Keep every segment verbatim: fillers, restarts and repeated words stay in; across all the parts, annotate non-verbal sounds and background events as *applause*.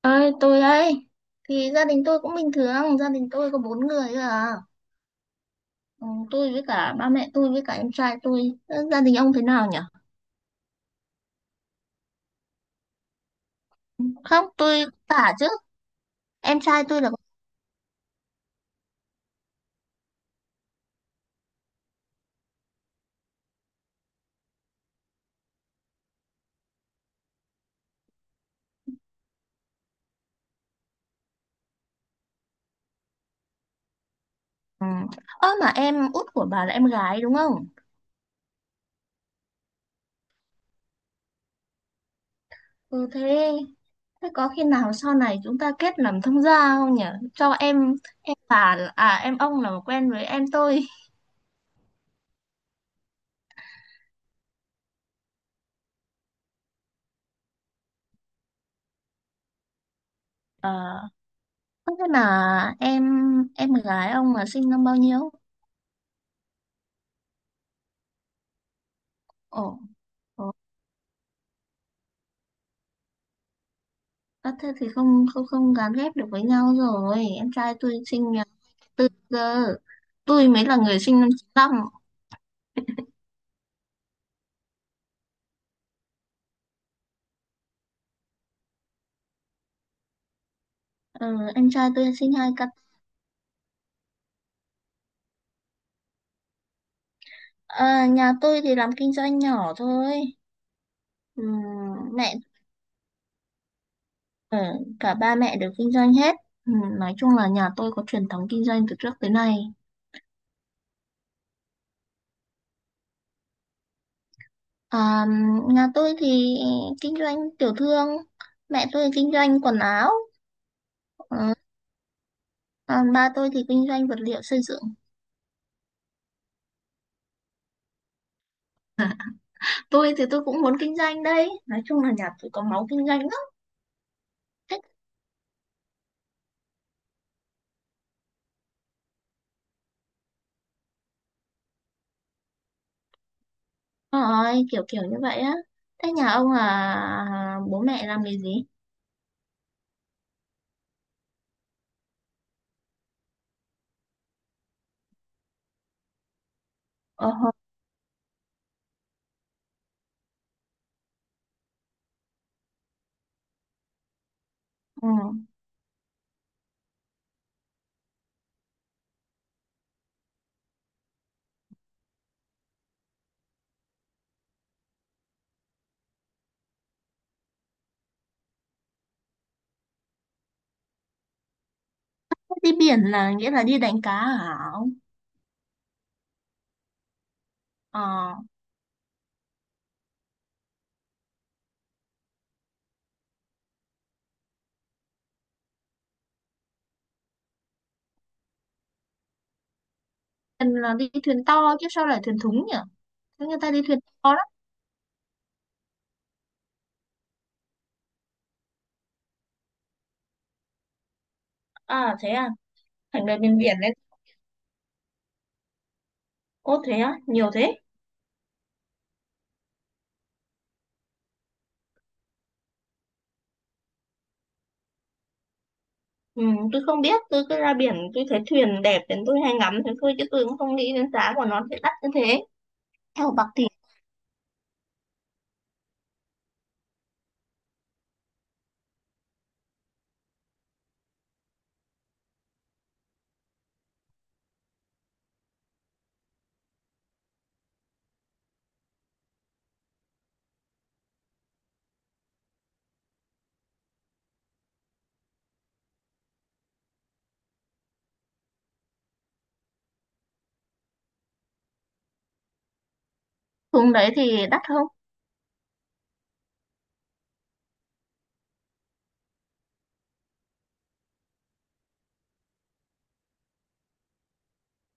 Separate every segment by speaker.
Speaker 1: Ơi, tôi đây. Thì gia đình tôi cũng bình thường, gia đình tôi có bốn người thôi à. Ừ, tôi với cả ba mẹ tôi với cả em trai tôi. Ờ, Gia đình ông thế nào nhỉ? Không, tôi cả chứ. Em trai tôi là ừ. Ơ mà em út của bà là em gái đúng không? Ừ, thế thế có khi nào sau này chúng ta kết làm thông gia không nhỉ? Cho em em bà, à em ông, là quen với em tôi. Ờ, Thế là em em gái ông là sinh năm bao nhiêu? Ồ. Ơ thế thì không không không gán ghép được với nhau rồi. Em trai tôi sinh nhà tư cơ. Tôi mới là người sinh năm chín lăm. Ừ, em trai tôi sinh hai cặp. À, nhà tôi thì làm kinh doanh nhỏ thôi. Ừ, mẹ ừ, cả ba mẹ đều kinh doanh hết. Ừ, nói chung là nhà tôi có truyền thống kinh doanh từ trước tới nay. À, nhà tôi thì kinh doanh tiểu thương. Mẹ tôi kinh doanh quần áo. Ừ, còn ba tôi thì kinh doanh vật liệu xây dựng. Tôi thì tôi cũng muốn kinh doanh đây, nói chung là nhà tôi có máu kinh doanh lắm. Thích rồi, kiểu kiểu như vậy á. Thế nhà ông là bố mẹ làm nghề gì? Ờ, ừ. Thế đi biển là nghĩa là đi đánh cá hả ông? Ờ. Thuyền là đi thuyền to chứ sao lại thuyền thúng nhỉ? Thế người ta đi thuyền to lắm. À thế à? Thành ra bên biển đấy. Ô thế á, nhiều thế. Ừ, tôi không biết, tôi cứ ra biển tôi thấy thuyền đẹp đến tôi hay ngắm thế thôi chứ tôi cũng không nghĩ đến giá của nó sẽ đắt như thế. Theo bạc tỷ. Xuống đấy thì đắt không?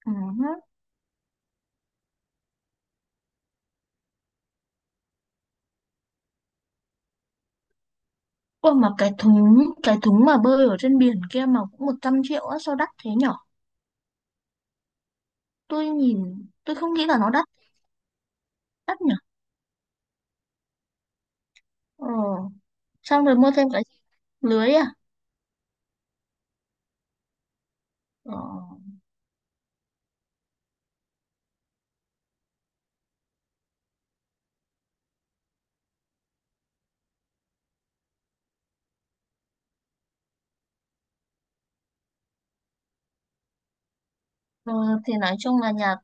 Speaker 1: Ừ. Ôi mà cái thúng cái thúng mà bơi ở trên biển kia mà cũng một trăm triệu á, sao đắt thế nhở? Tôi nhìn tôi không nghĩ là nó đắt. Đắt nhở. Ờ. Xong rồi mua thêm cái lưới à? Ờ. ờ thì nói chung là nhà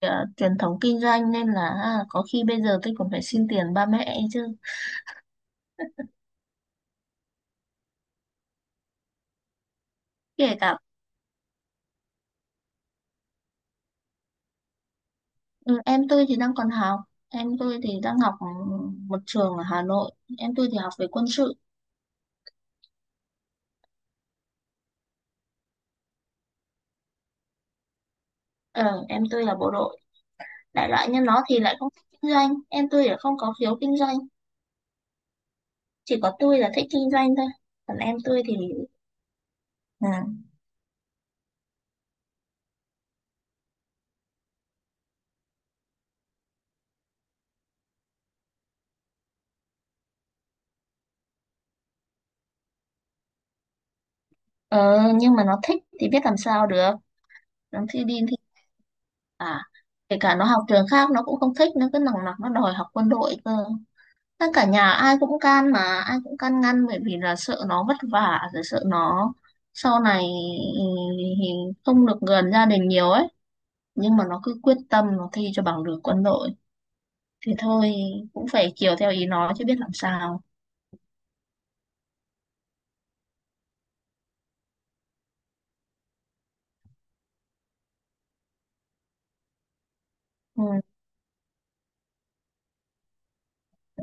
Speaker 1: tôi, à, truyền thống kinh doanh nên là, à, có khi bây giờ tôi còn phải xin tiền ba mẹ ấy chứ. Kể cả, ừ, em tôi thì đang còn học. Em tôi thì đang học, ừ, một trường ở Hà Nội. Em tôi thì học về quân sự. Ờ, em tôi là bộ đội. Đại loại như nó thì lại không thích kinh doanh, em tôi lại không có khiếu kinh doanh. Chỉ có tôi là thích kinh doanh thôi. Còn em tôi thì ừ. ờ, nhưng mà nó thích thì biết làm sao được. Nó thi đi thì, à kể cả nó học trường khác nó cũng không thích, nó cứ nòng nọc nó đòi học quân đội cơ. Tất cả nhà ai cũng can mà. Ai cũng can ngăn bởi vì là sợ nó vất vả, rồi sợ nó sau này, ừ, không được gần gia đình nhiều ấy. Nhưng mà nó cứ quyết tâm nó thi cho bằng được quân đội, thì thôi cũng phải chiều theo ý nó chứ biết làm sao. Ừ,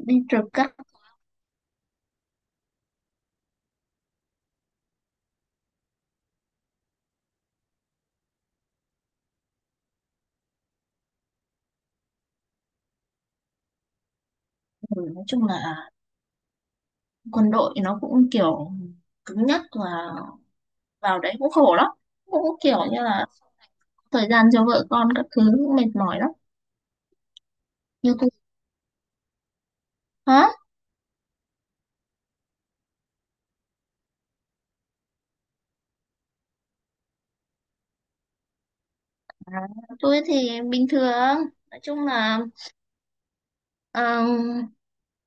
Speaker 1: đi trực các thứ. Nói chung là quân đội nó cũng kiểu cứng nhắc, và vào đấy cũng khổ lắm, cũng kiểu như là thời gian cho vợ con các thứ cũng mệt mỏi lắm. Như tôi. Hả? À, tôi thì bình thường, nói chung là, ờ,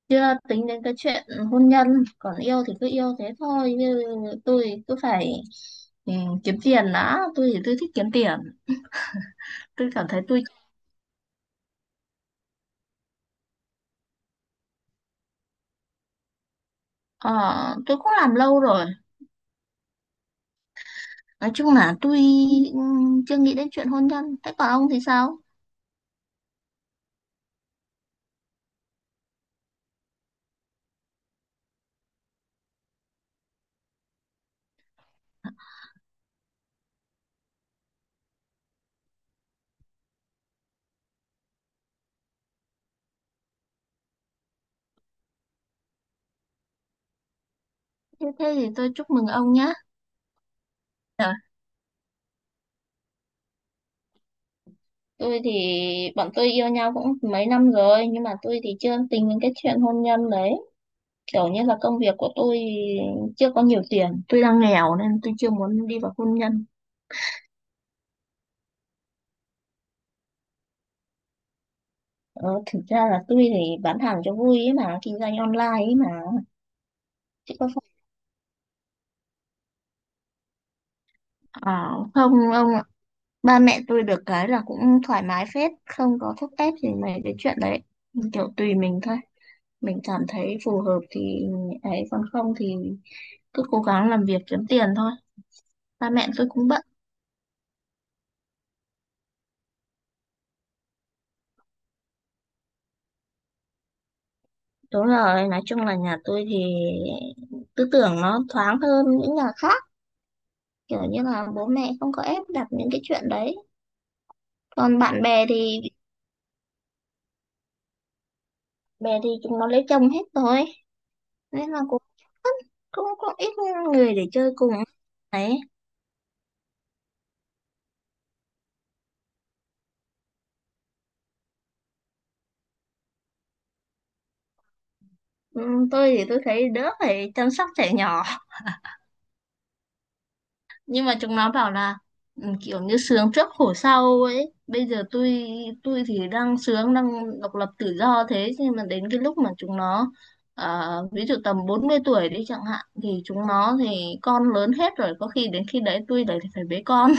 Speaker 1: chưa tính đến cái chuyện hôn nhân. Còn yêu thì cứ yêu thế thôi, như tôi cứ phải, ừ, kiếm tiền đã, tôi thì tôi thích kiếm tiền. Tôi cảm thấy tôi, ờ, tôi cũng làm lâu rồi. Nói chung là tôi, ừ, chưa nghĩ đến chuyện hôn nhân. Thế còn ông thì sao? Thế thế thì tôi chúc mừng ông nhá. Tôi thì bọn tôi yêu nhau cũng mấy năm rồi, nhưng mà tôi thì chưa tính đến cái chuyện hôn nhân đấy. Kiểu như là công việc của tôi chưa có nhiều tiền, tôi đang nghèo nên tôi chưa muốn đi vào hôn nhân. Ờ, thực ra là tôi thì bán hàng cho vui ấy mà, kinh doanh online ấy mà. Chứ có phải. Ờ, không ông ạ. Ba mẹ tôi được cái là cũng thoải mái phết, không có thúc ép gì mấy cái chuyện đấy. Kiểu tùy mình thôi. Mình cảm thấy phù hợp thì ấy, còn không thì cứ cố gắng làm việc kiếm tiền thôi, ba mẹ tôi cũng bận. Đúng rồi, nói chung là nhà tôi thì tư tưởng nó thoáng hơn những nhà khác, kiểu như là bố mẹ không có ép đặt những cái chuyện đấy. Còn bạn bè thì bè thì chúng nó lấy chồng hết rồi, nên là cũng cũng cũng ít người để chơi cùng ấy. Ừm, tôi thì tôi thấy đỡ phải chăm sóc trẻ nhỏ, nhưng mà chúng nó bảo là, ừ, kiểu như sướng trước khổ sau ấy. Bây giờ tôi tôi thì đang sướng, đang độc lập tự do, thế nhưng mà đến cái lúc mà chúng nó, ờ, ví dụ tầm bốn mươi tuổi đi chẳng hạn, thì chúng nó thì con lớn hết rồi, có khi đến khi đấy tôi lại phải bế con.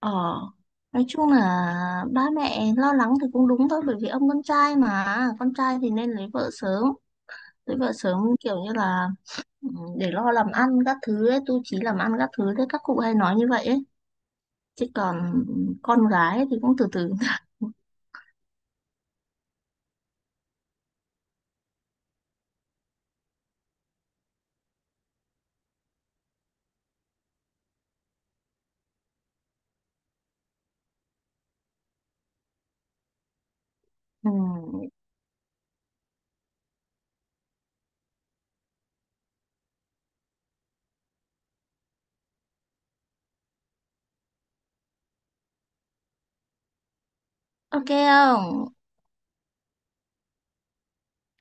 Speaker 1: ờ nói chung là ba mẹ lo lắng thì cũng đúng thôi, bởi vì ông con trai mà, con trai thì nên lấy vợ sớm, lấy vợ sớm kiểu như là, ừ, để lo làm ăn các thứ ấy, tu chí làm ăn các thứ đấy, các cụ hay nói như vậy ấy. Chứ còn con gái thì cũng từ từ. *laughs* Ừ, ok không,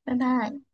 Speaker 1: bye bye.